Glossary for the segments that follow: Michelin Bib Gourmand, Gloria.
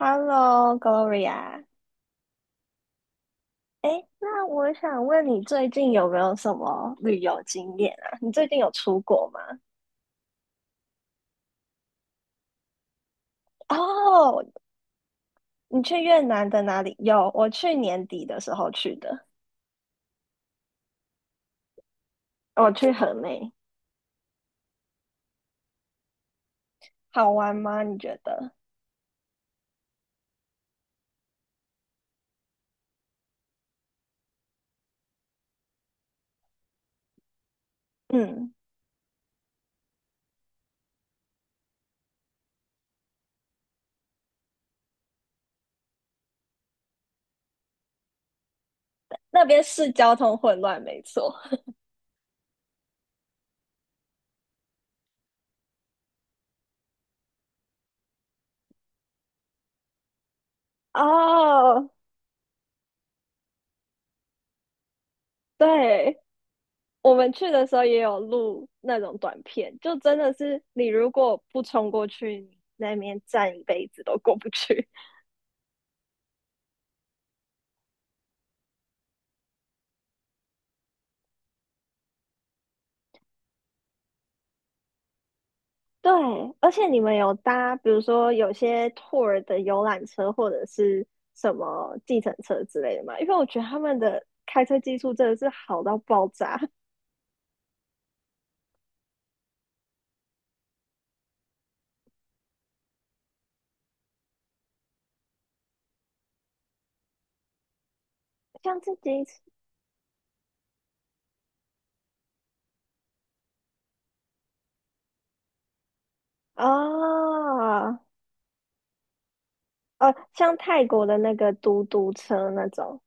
Hello, Gloria。哎，那我想问你，最近有没有什么旅游经验啊？你最近有出国吗？哦，你去越南的哪里？有，我去年底的时候去的，我去河内，好玩吗？你觉得？嗯，那边是交通混乱，没错。哦，对，我们去的时候也有录那种短片，就真的是你如果不冲过去，你那边站一辈子都过不去。对，而且你们有搭，比如说有些 tour 的游览车或者是什么计程车之类的吗？因为我觉得他们的开车技术真的是好到爆炸，像自己啊，哦像泰国的那个嘟嘟车那种，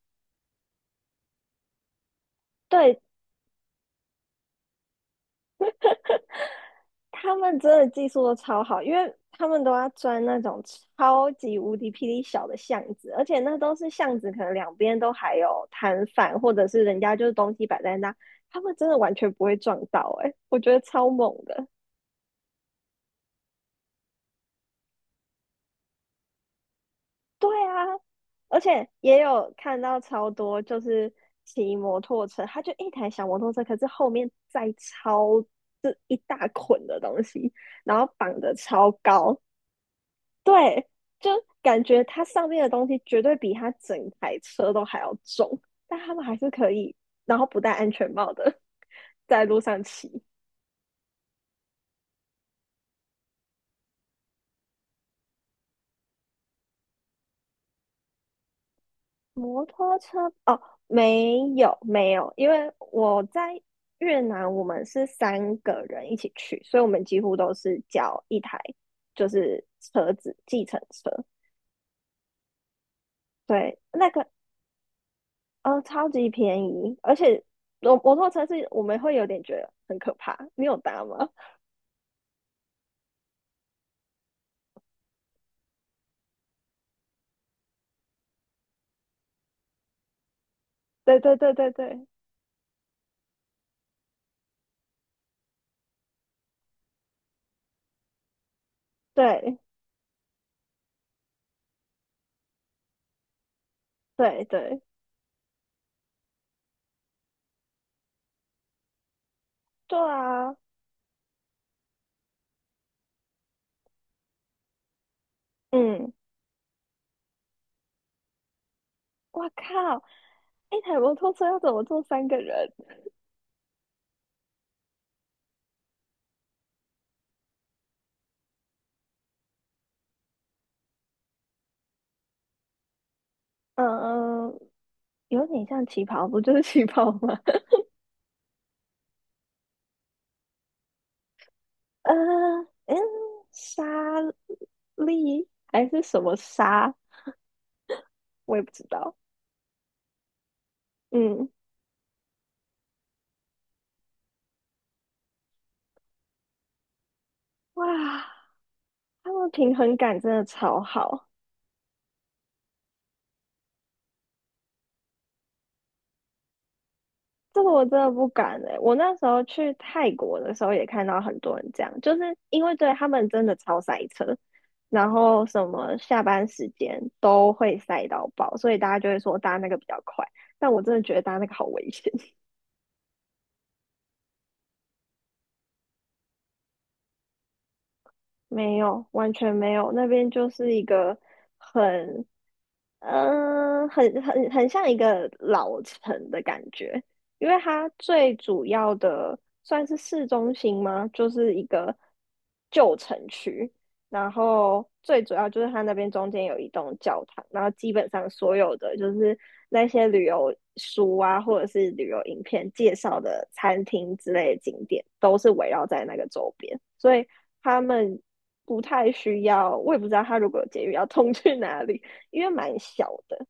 对他们真的技术都超好，因为他们都要钻那种超级无敌霹雳小的巷子，而且那都是巷子，可能两边都还有摊贩，或者是人家就是东西摆在那，他们真的完全不会撞到、欸，诶，我觉得超猛的。对啊，而且也有看到超多就是骑摩托车，他就一台小摩托车，可是后面载超这一大捆的东西，然后绑的超高，对，就感觉它上面的东西绝对比它整台车都还要重，但他们还是可以，然后不戴安全帽的在路上骑摩托车。哦，没有没有，因为我在越南，我们是三个人一起去，所以我们几乎都是叫一台就是车子计程车。对，那个超级便宜，而且摩托车是我们会有点觉得很可怕。你有搭吗？对对对对对，对对对对啊，嗯，我靠！一台摩托车要怎么坐三个人？嗯，有点像旗袍，不就是旗袍吗？呃，嗯，沙粒还是什么沙，我也不知道。嗯，哇，他们平衡感真的超好。这个我真的不敢哎、我那时候去泰国的时候也看到很多人这样，就是因为对他们真的超塞车，然后什么下班时间都会塞到爆，所以大家就会说搭那个比较快。但我真的觉得搭那个好危险，没有，完全没有，那边就是一个很很很很像一个老城的感觉，因为它最主要的算是市中心吗？就是一个旧城区，然后最主要就是它那边中间有一栋教堂，然后基本上所有的就是那些旅游书啊，或者是旅游影片介绍的餐厅之类的景点，都是围绕在那个周边，所以他们不太需要，我也不知道他如果有捷运要通去哪里。因为蛮小的。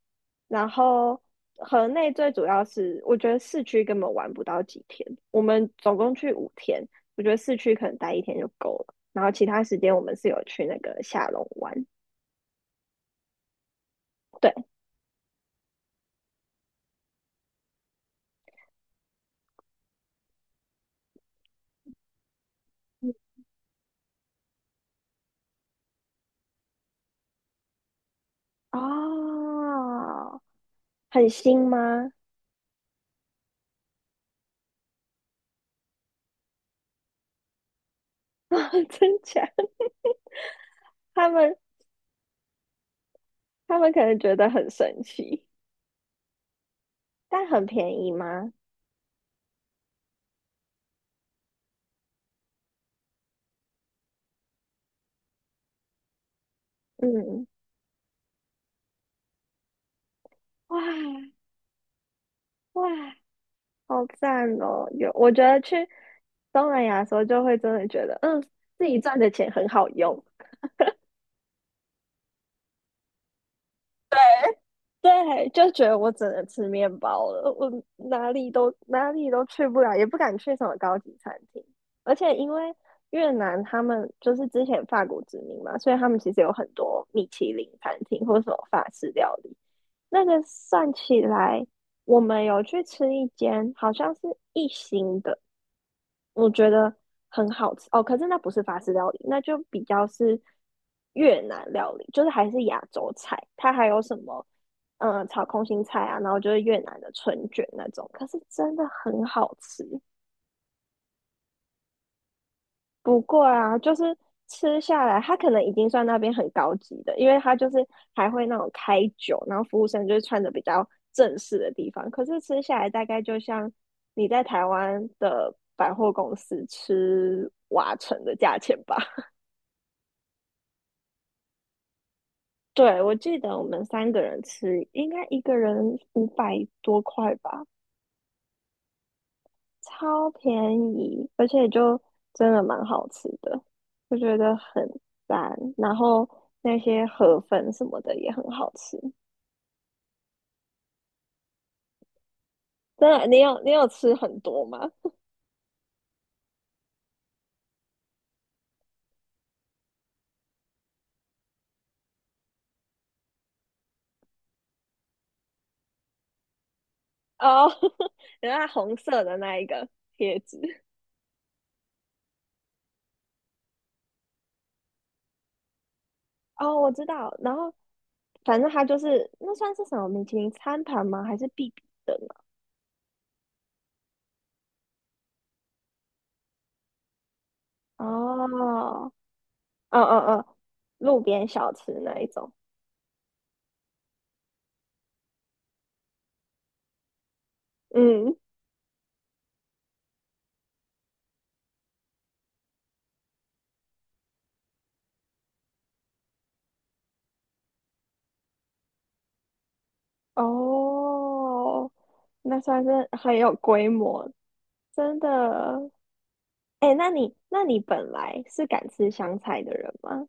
然后河内最主要是，我觉得市区根本玩不到几天，我们总共去5天，我觉得市区可能待一天就够了。然后其他时间我们是有去那个下龙湾，对，哦，很新吗？真假？他们他们可能觉得很神奇，但很便宜吗？嗯，哇哇，好赞哦！有，我觉得去东南亚的时候，就会真的觉得，自己赚的钱很好用。对，就觉得我只能吃面包了，我哪里都去不了，也不敢去什么高级餐厅。而且因为越南他们就是之前法国殖民嘛，所以他们其实有很多米其林餐厅或什么法式料理。那个算起来，我们有去吃一间，好像是1星的。我觉得很好吃哦。可是那不是法式料理，那就比较是越南料理，就是还是亚洲菜。它还有什么，炒空心菜啊，然后就是越南的春卷那种。可是真的很好吃。不过啊，就是吃下来，它可能已经算那边很高级的，因为它就是还会那种开酒，然后服务生就是穿的比较正式的地方。可是吃下来大概就像你在台湾的百货公司吃瓦城的价钱吧。对，我记得我们三个人吃，应该一个人500多块吧，超便宜，而且就真的蛮好吃的，我觉得很赞。然后那些河粉什么的也很好吃，真的，你有吃很多吗？哦，原来红色的那一个贴纸，哦，我知道。然后反正它就是那算是什么米其林餐盘吗？还是必比的啊？哦，嗯嗯嗯，路边小吃那一种。嗯，哦，那算是很有规模，真的。哎，那你本来是敢吃香菜的人吗？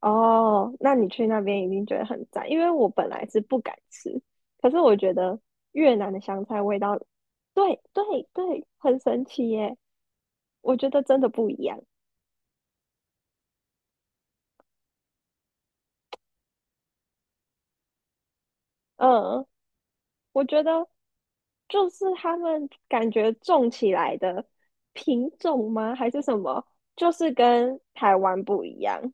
哦，那你去那边一定觉得很赞，因为我本来是不敢吃，可是我觉得越南的香菜味道，对对对，很神奇耶，我觉得真的不一样。嗯，我觉得就是他们感觉种起来的品种吗？还是什么？就是跟台湾不一样。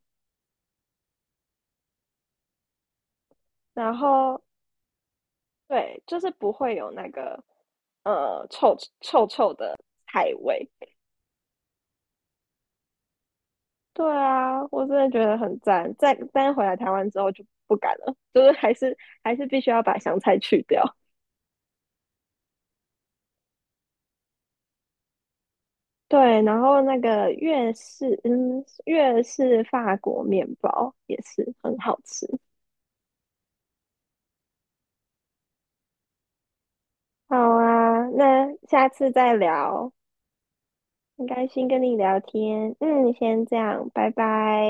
然后对，就是不会有那个臭臭臭的菜味。对啊，我真的觉得很赞。再但回来台湾之后就不敢了，就是还是必须要把香菜去掉。对，然后那个粤式法国面包也是很好吃。好啊，那下次再聊。很开心跟你聊天，先这样，拜拜。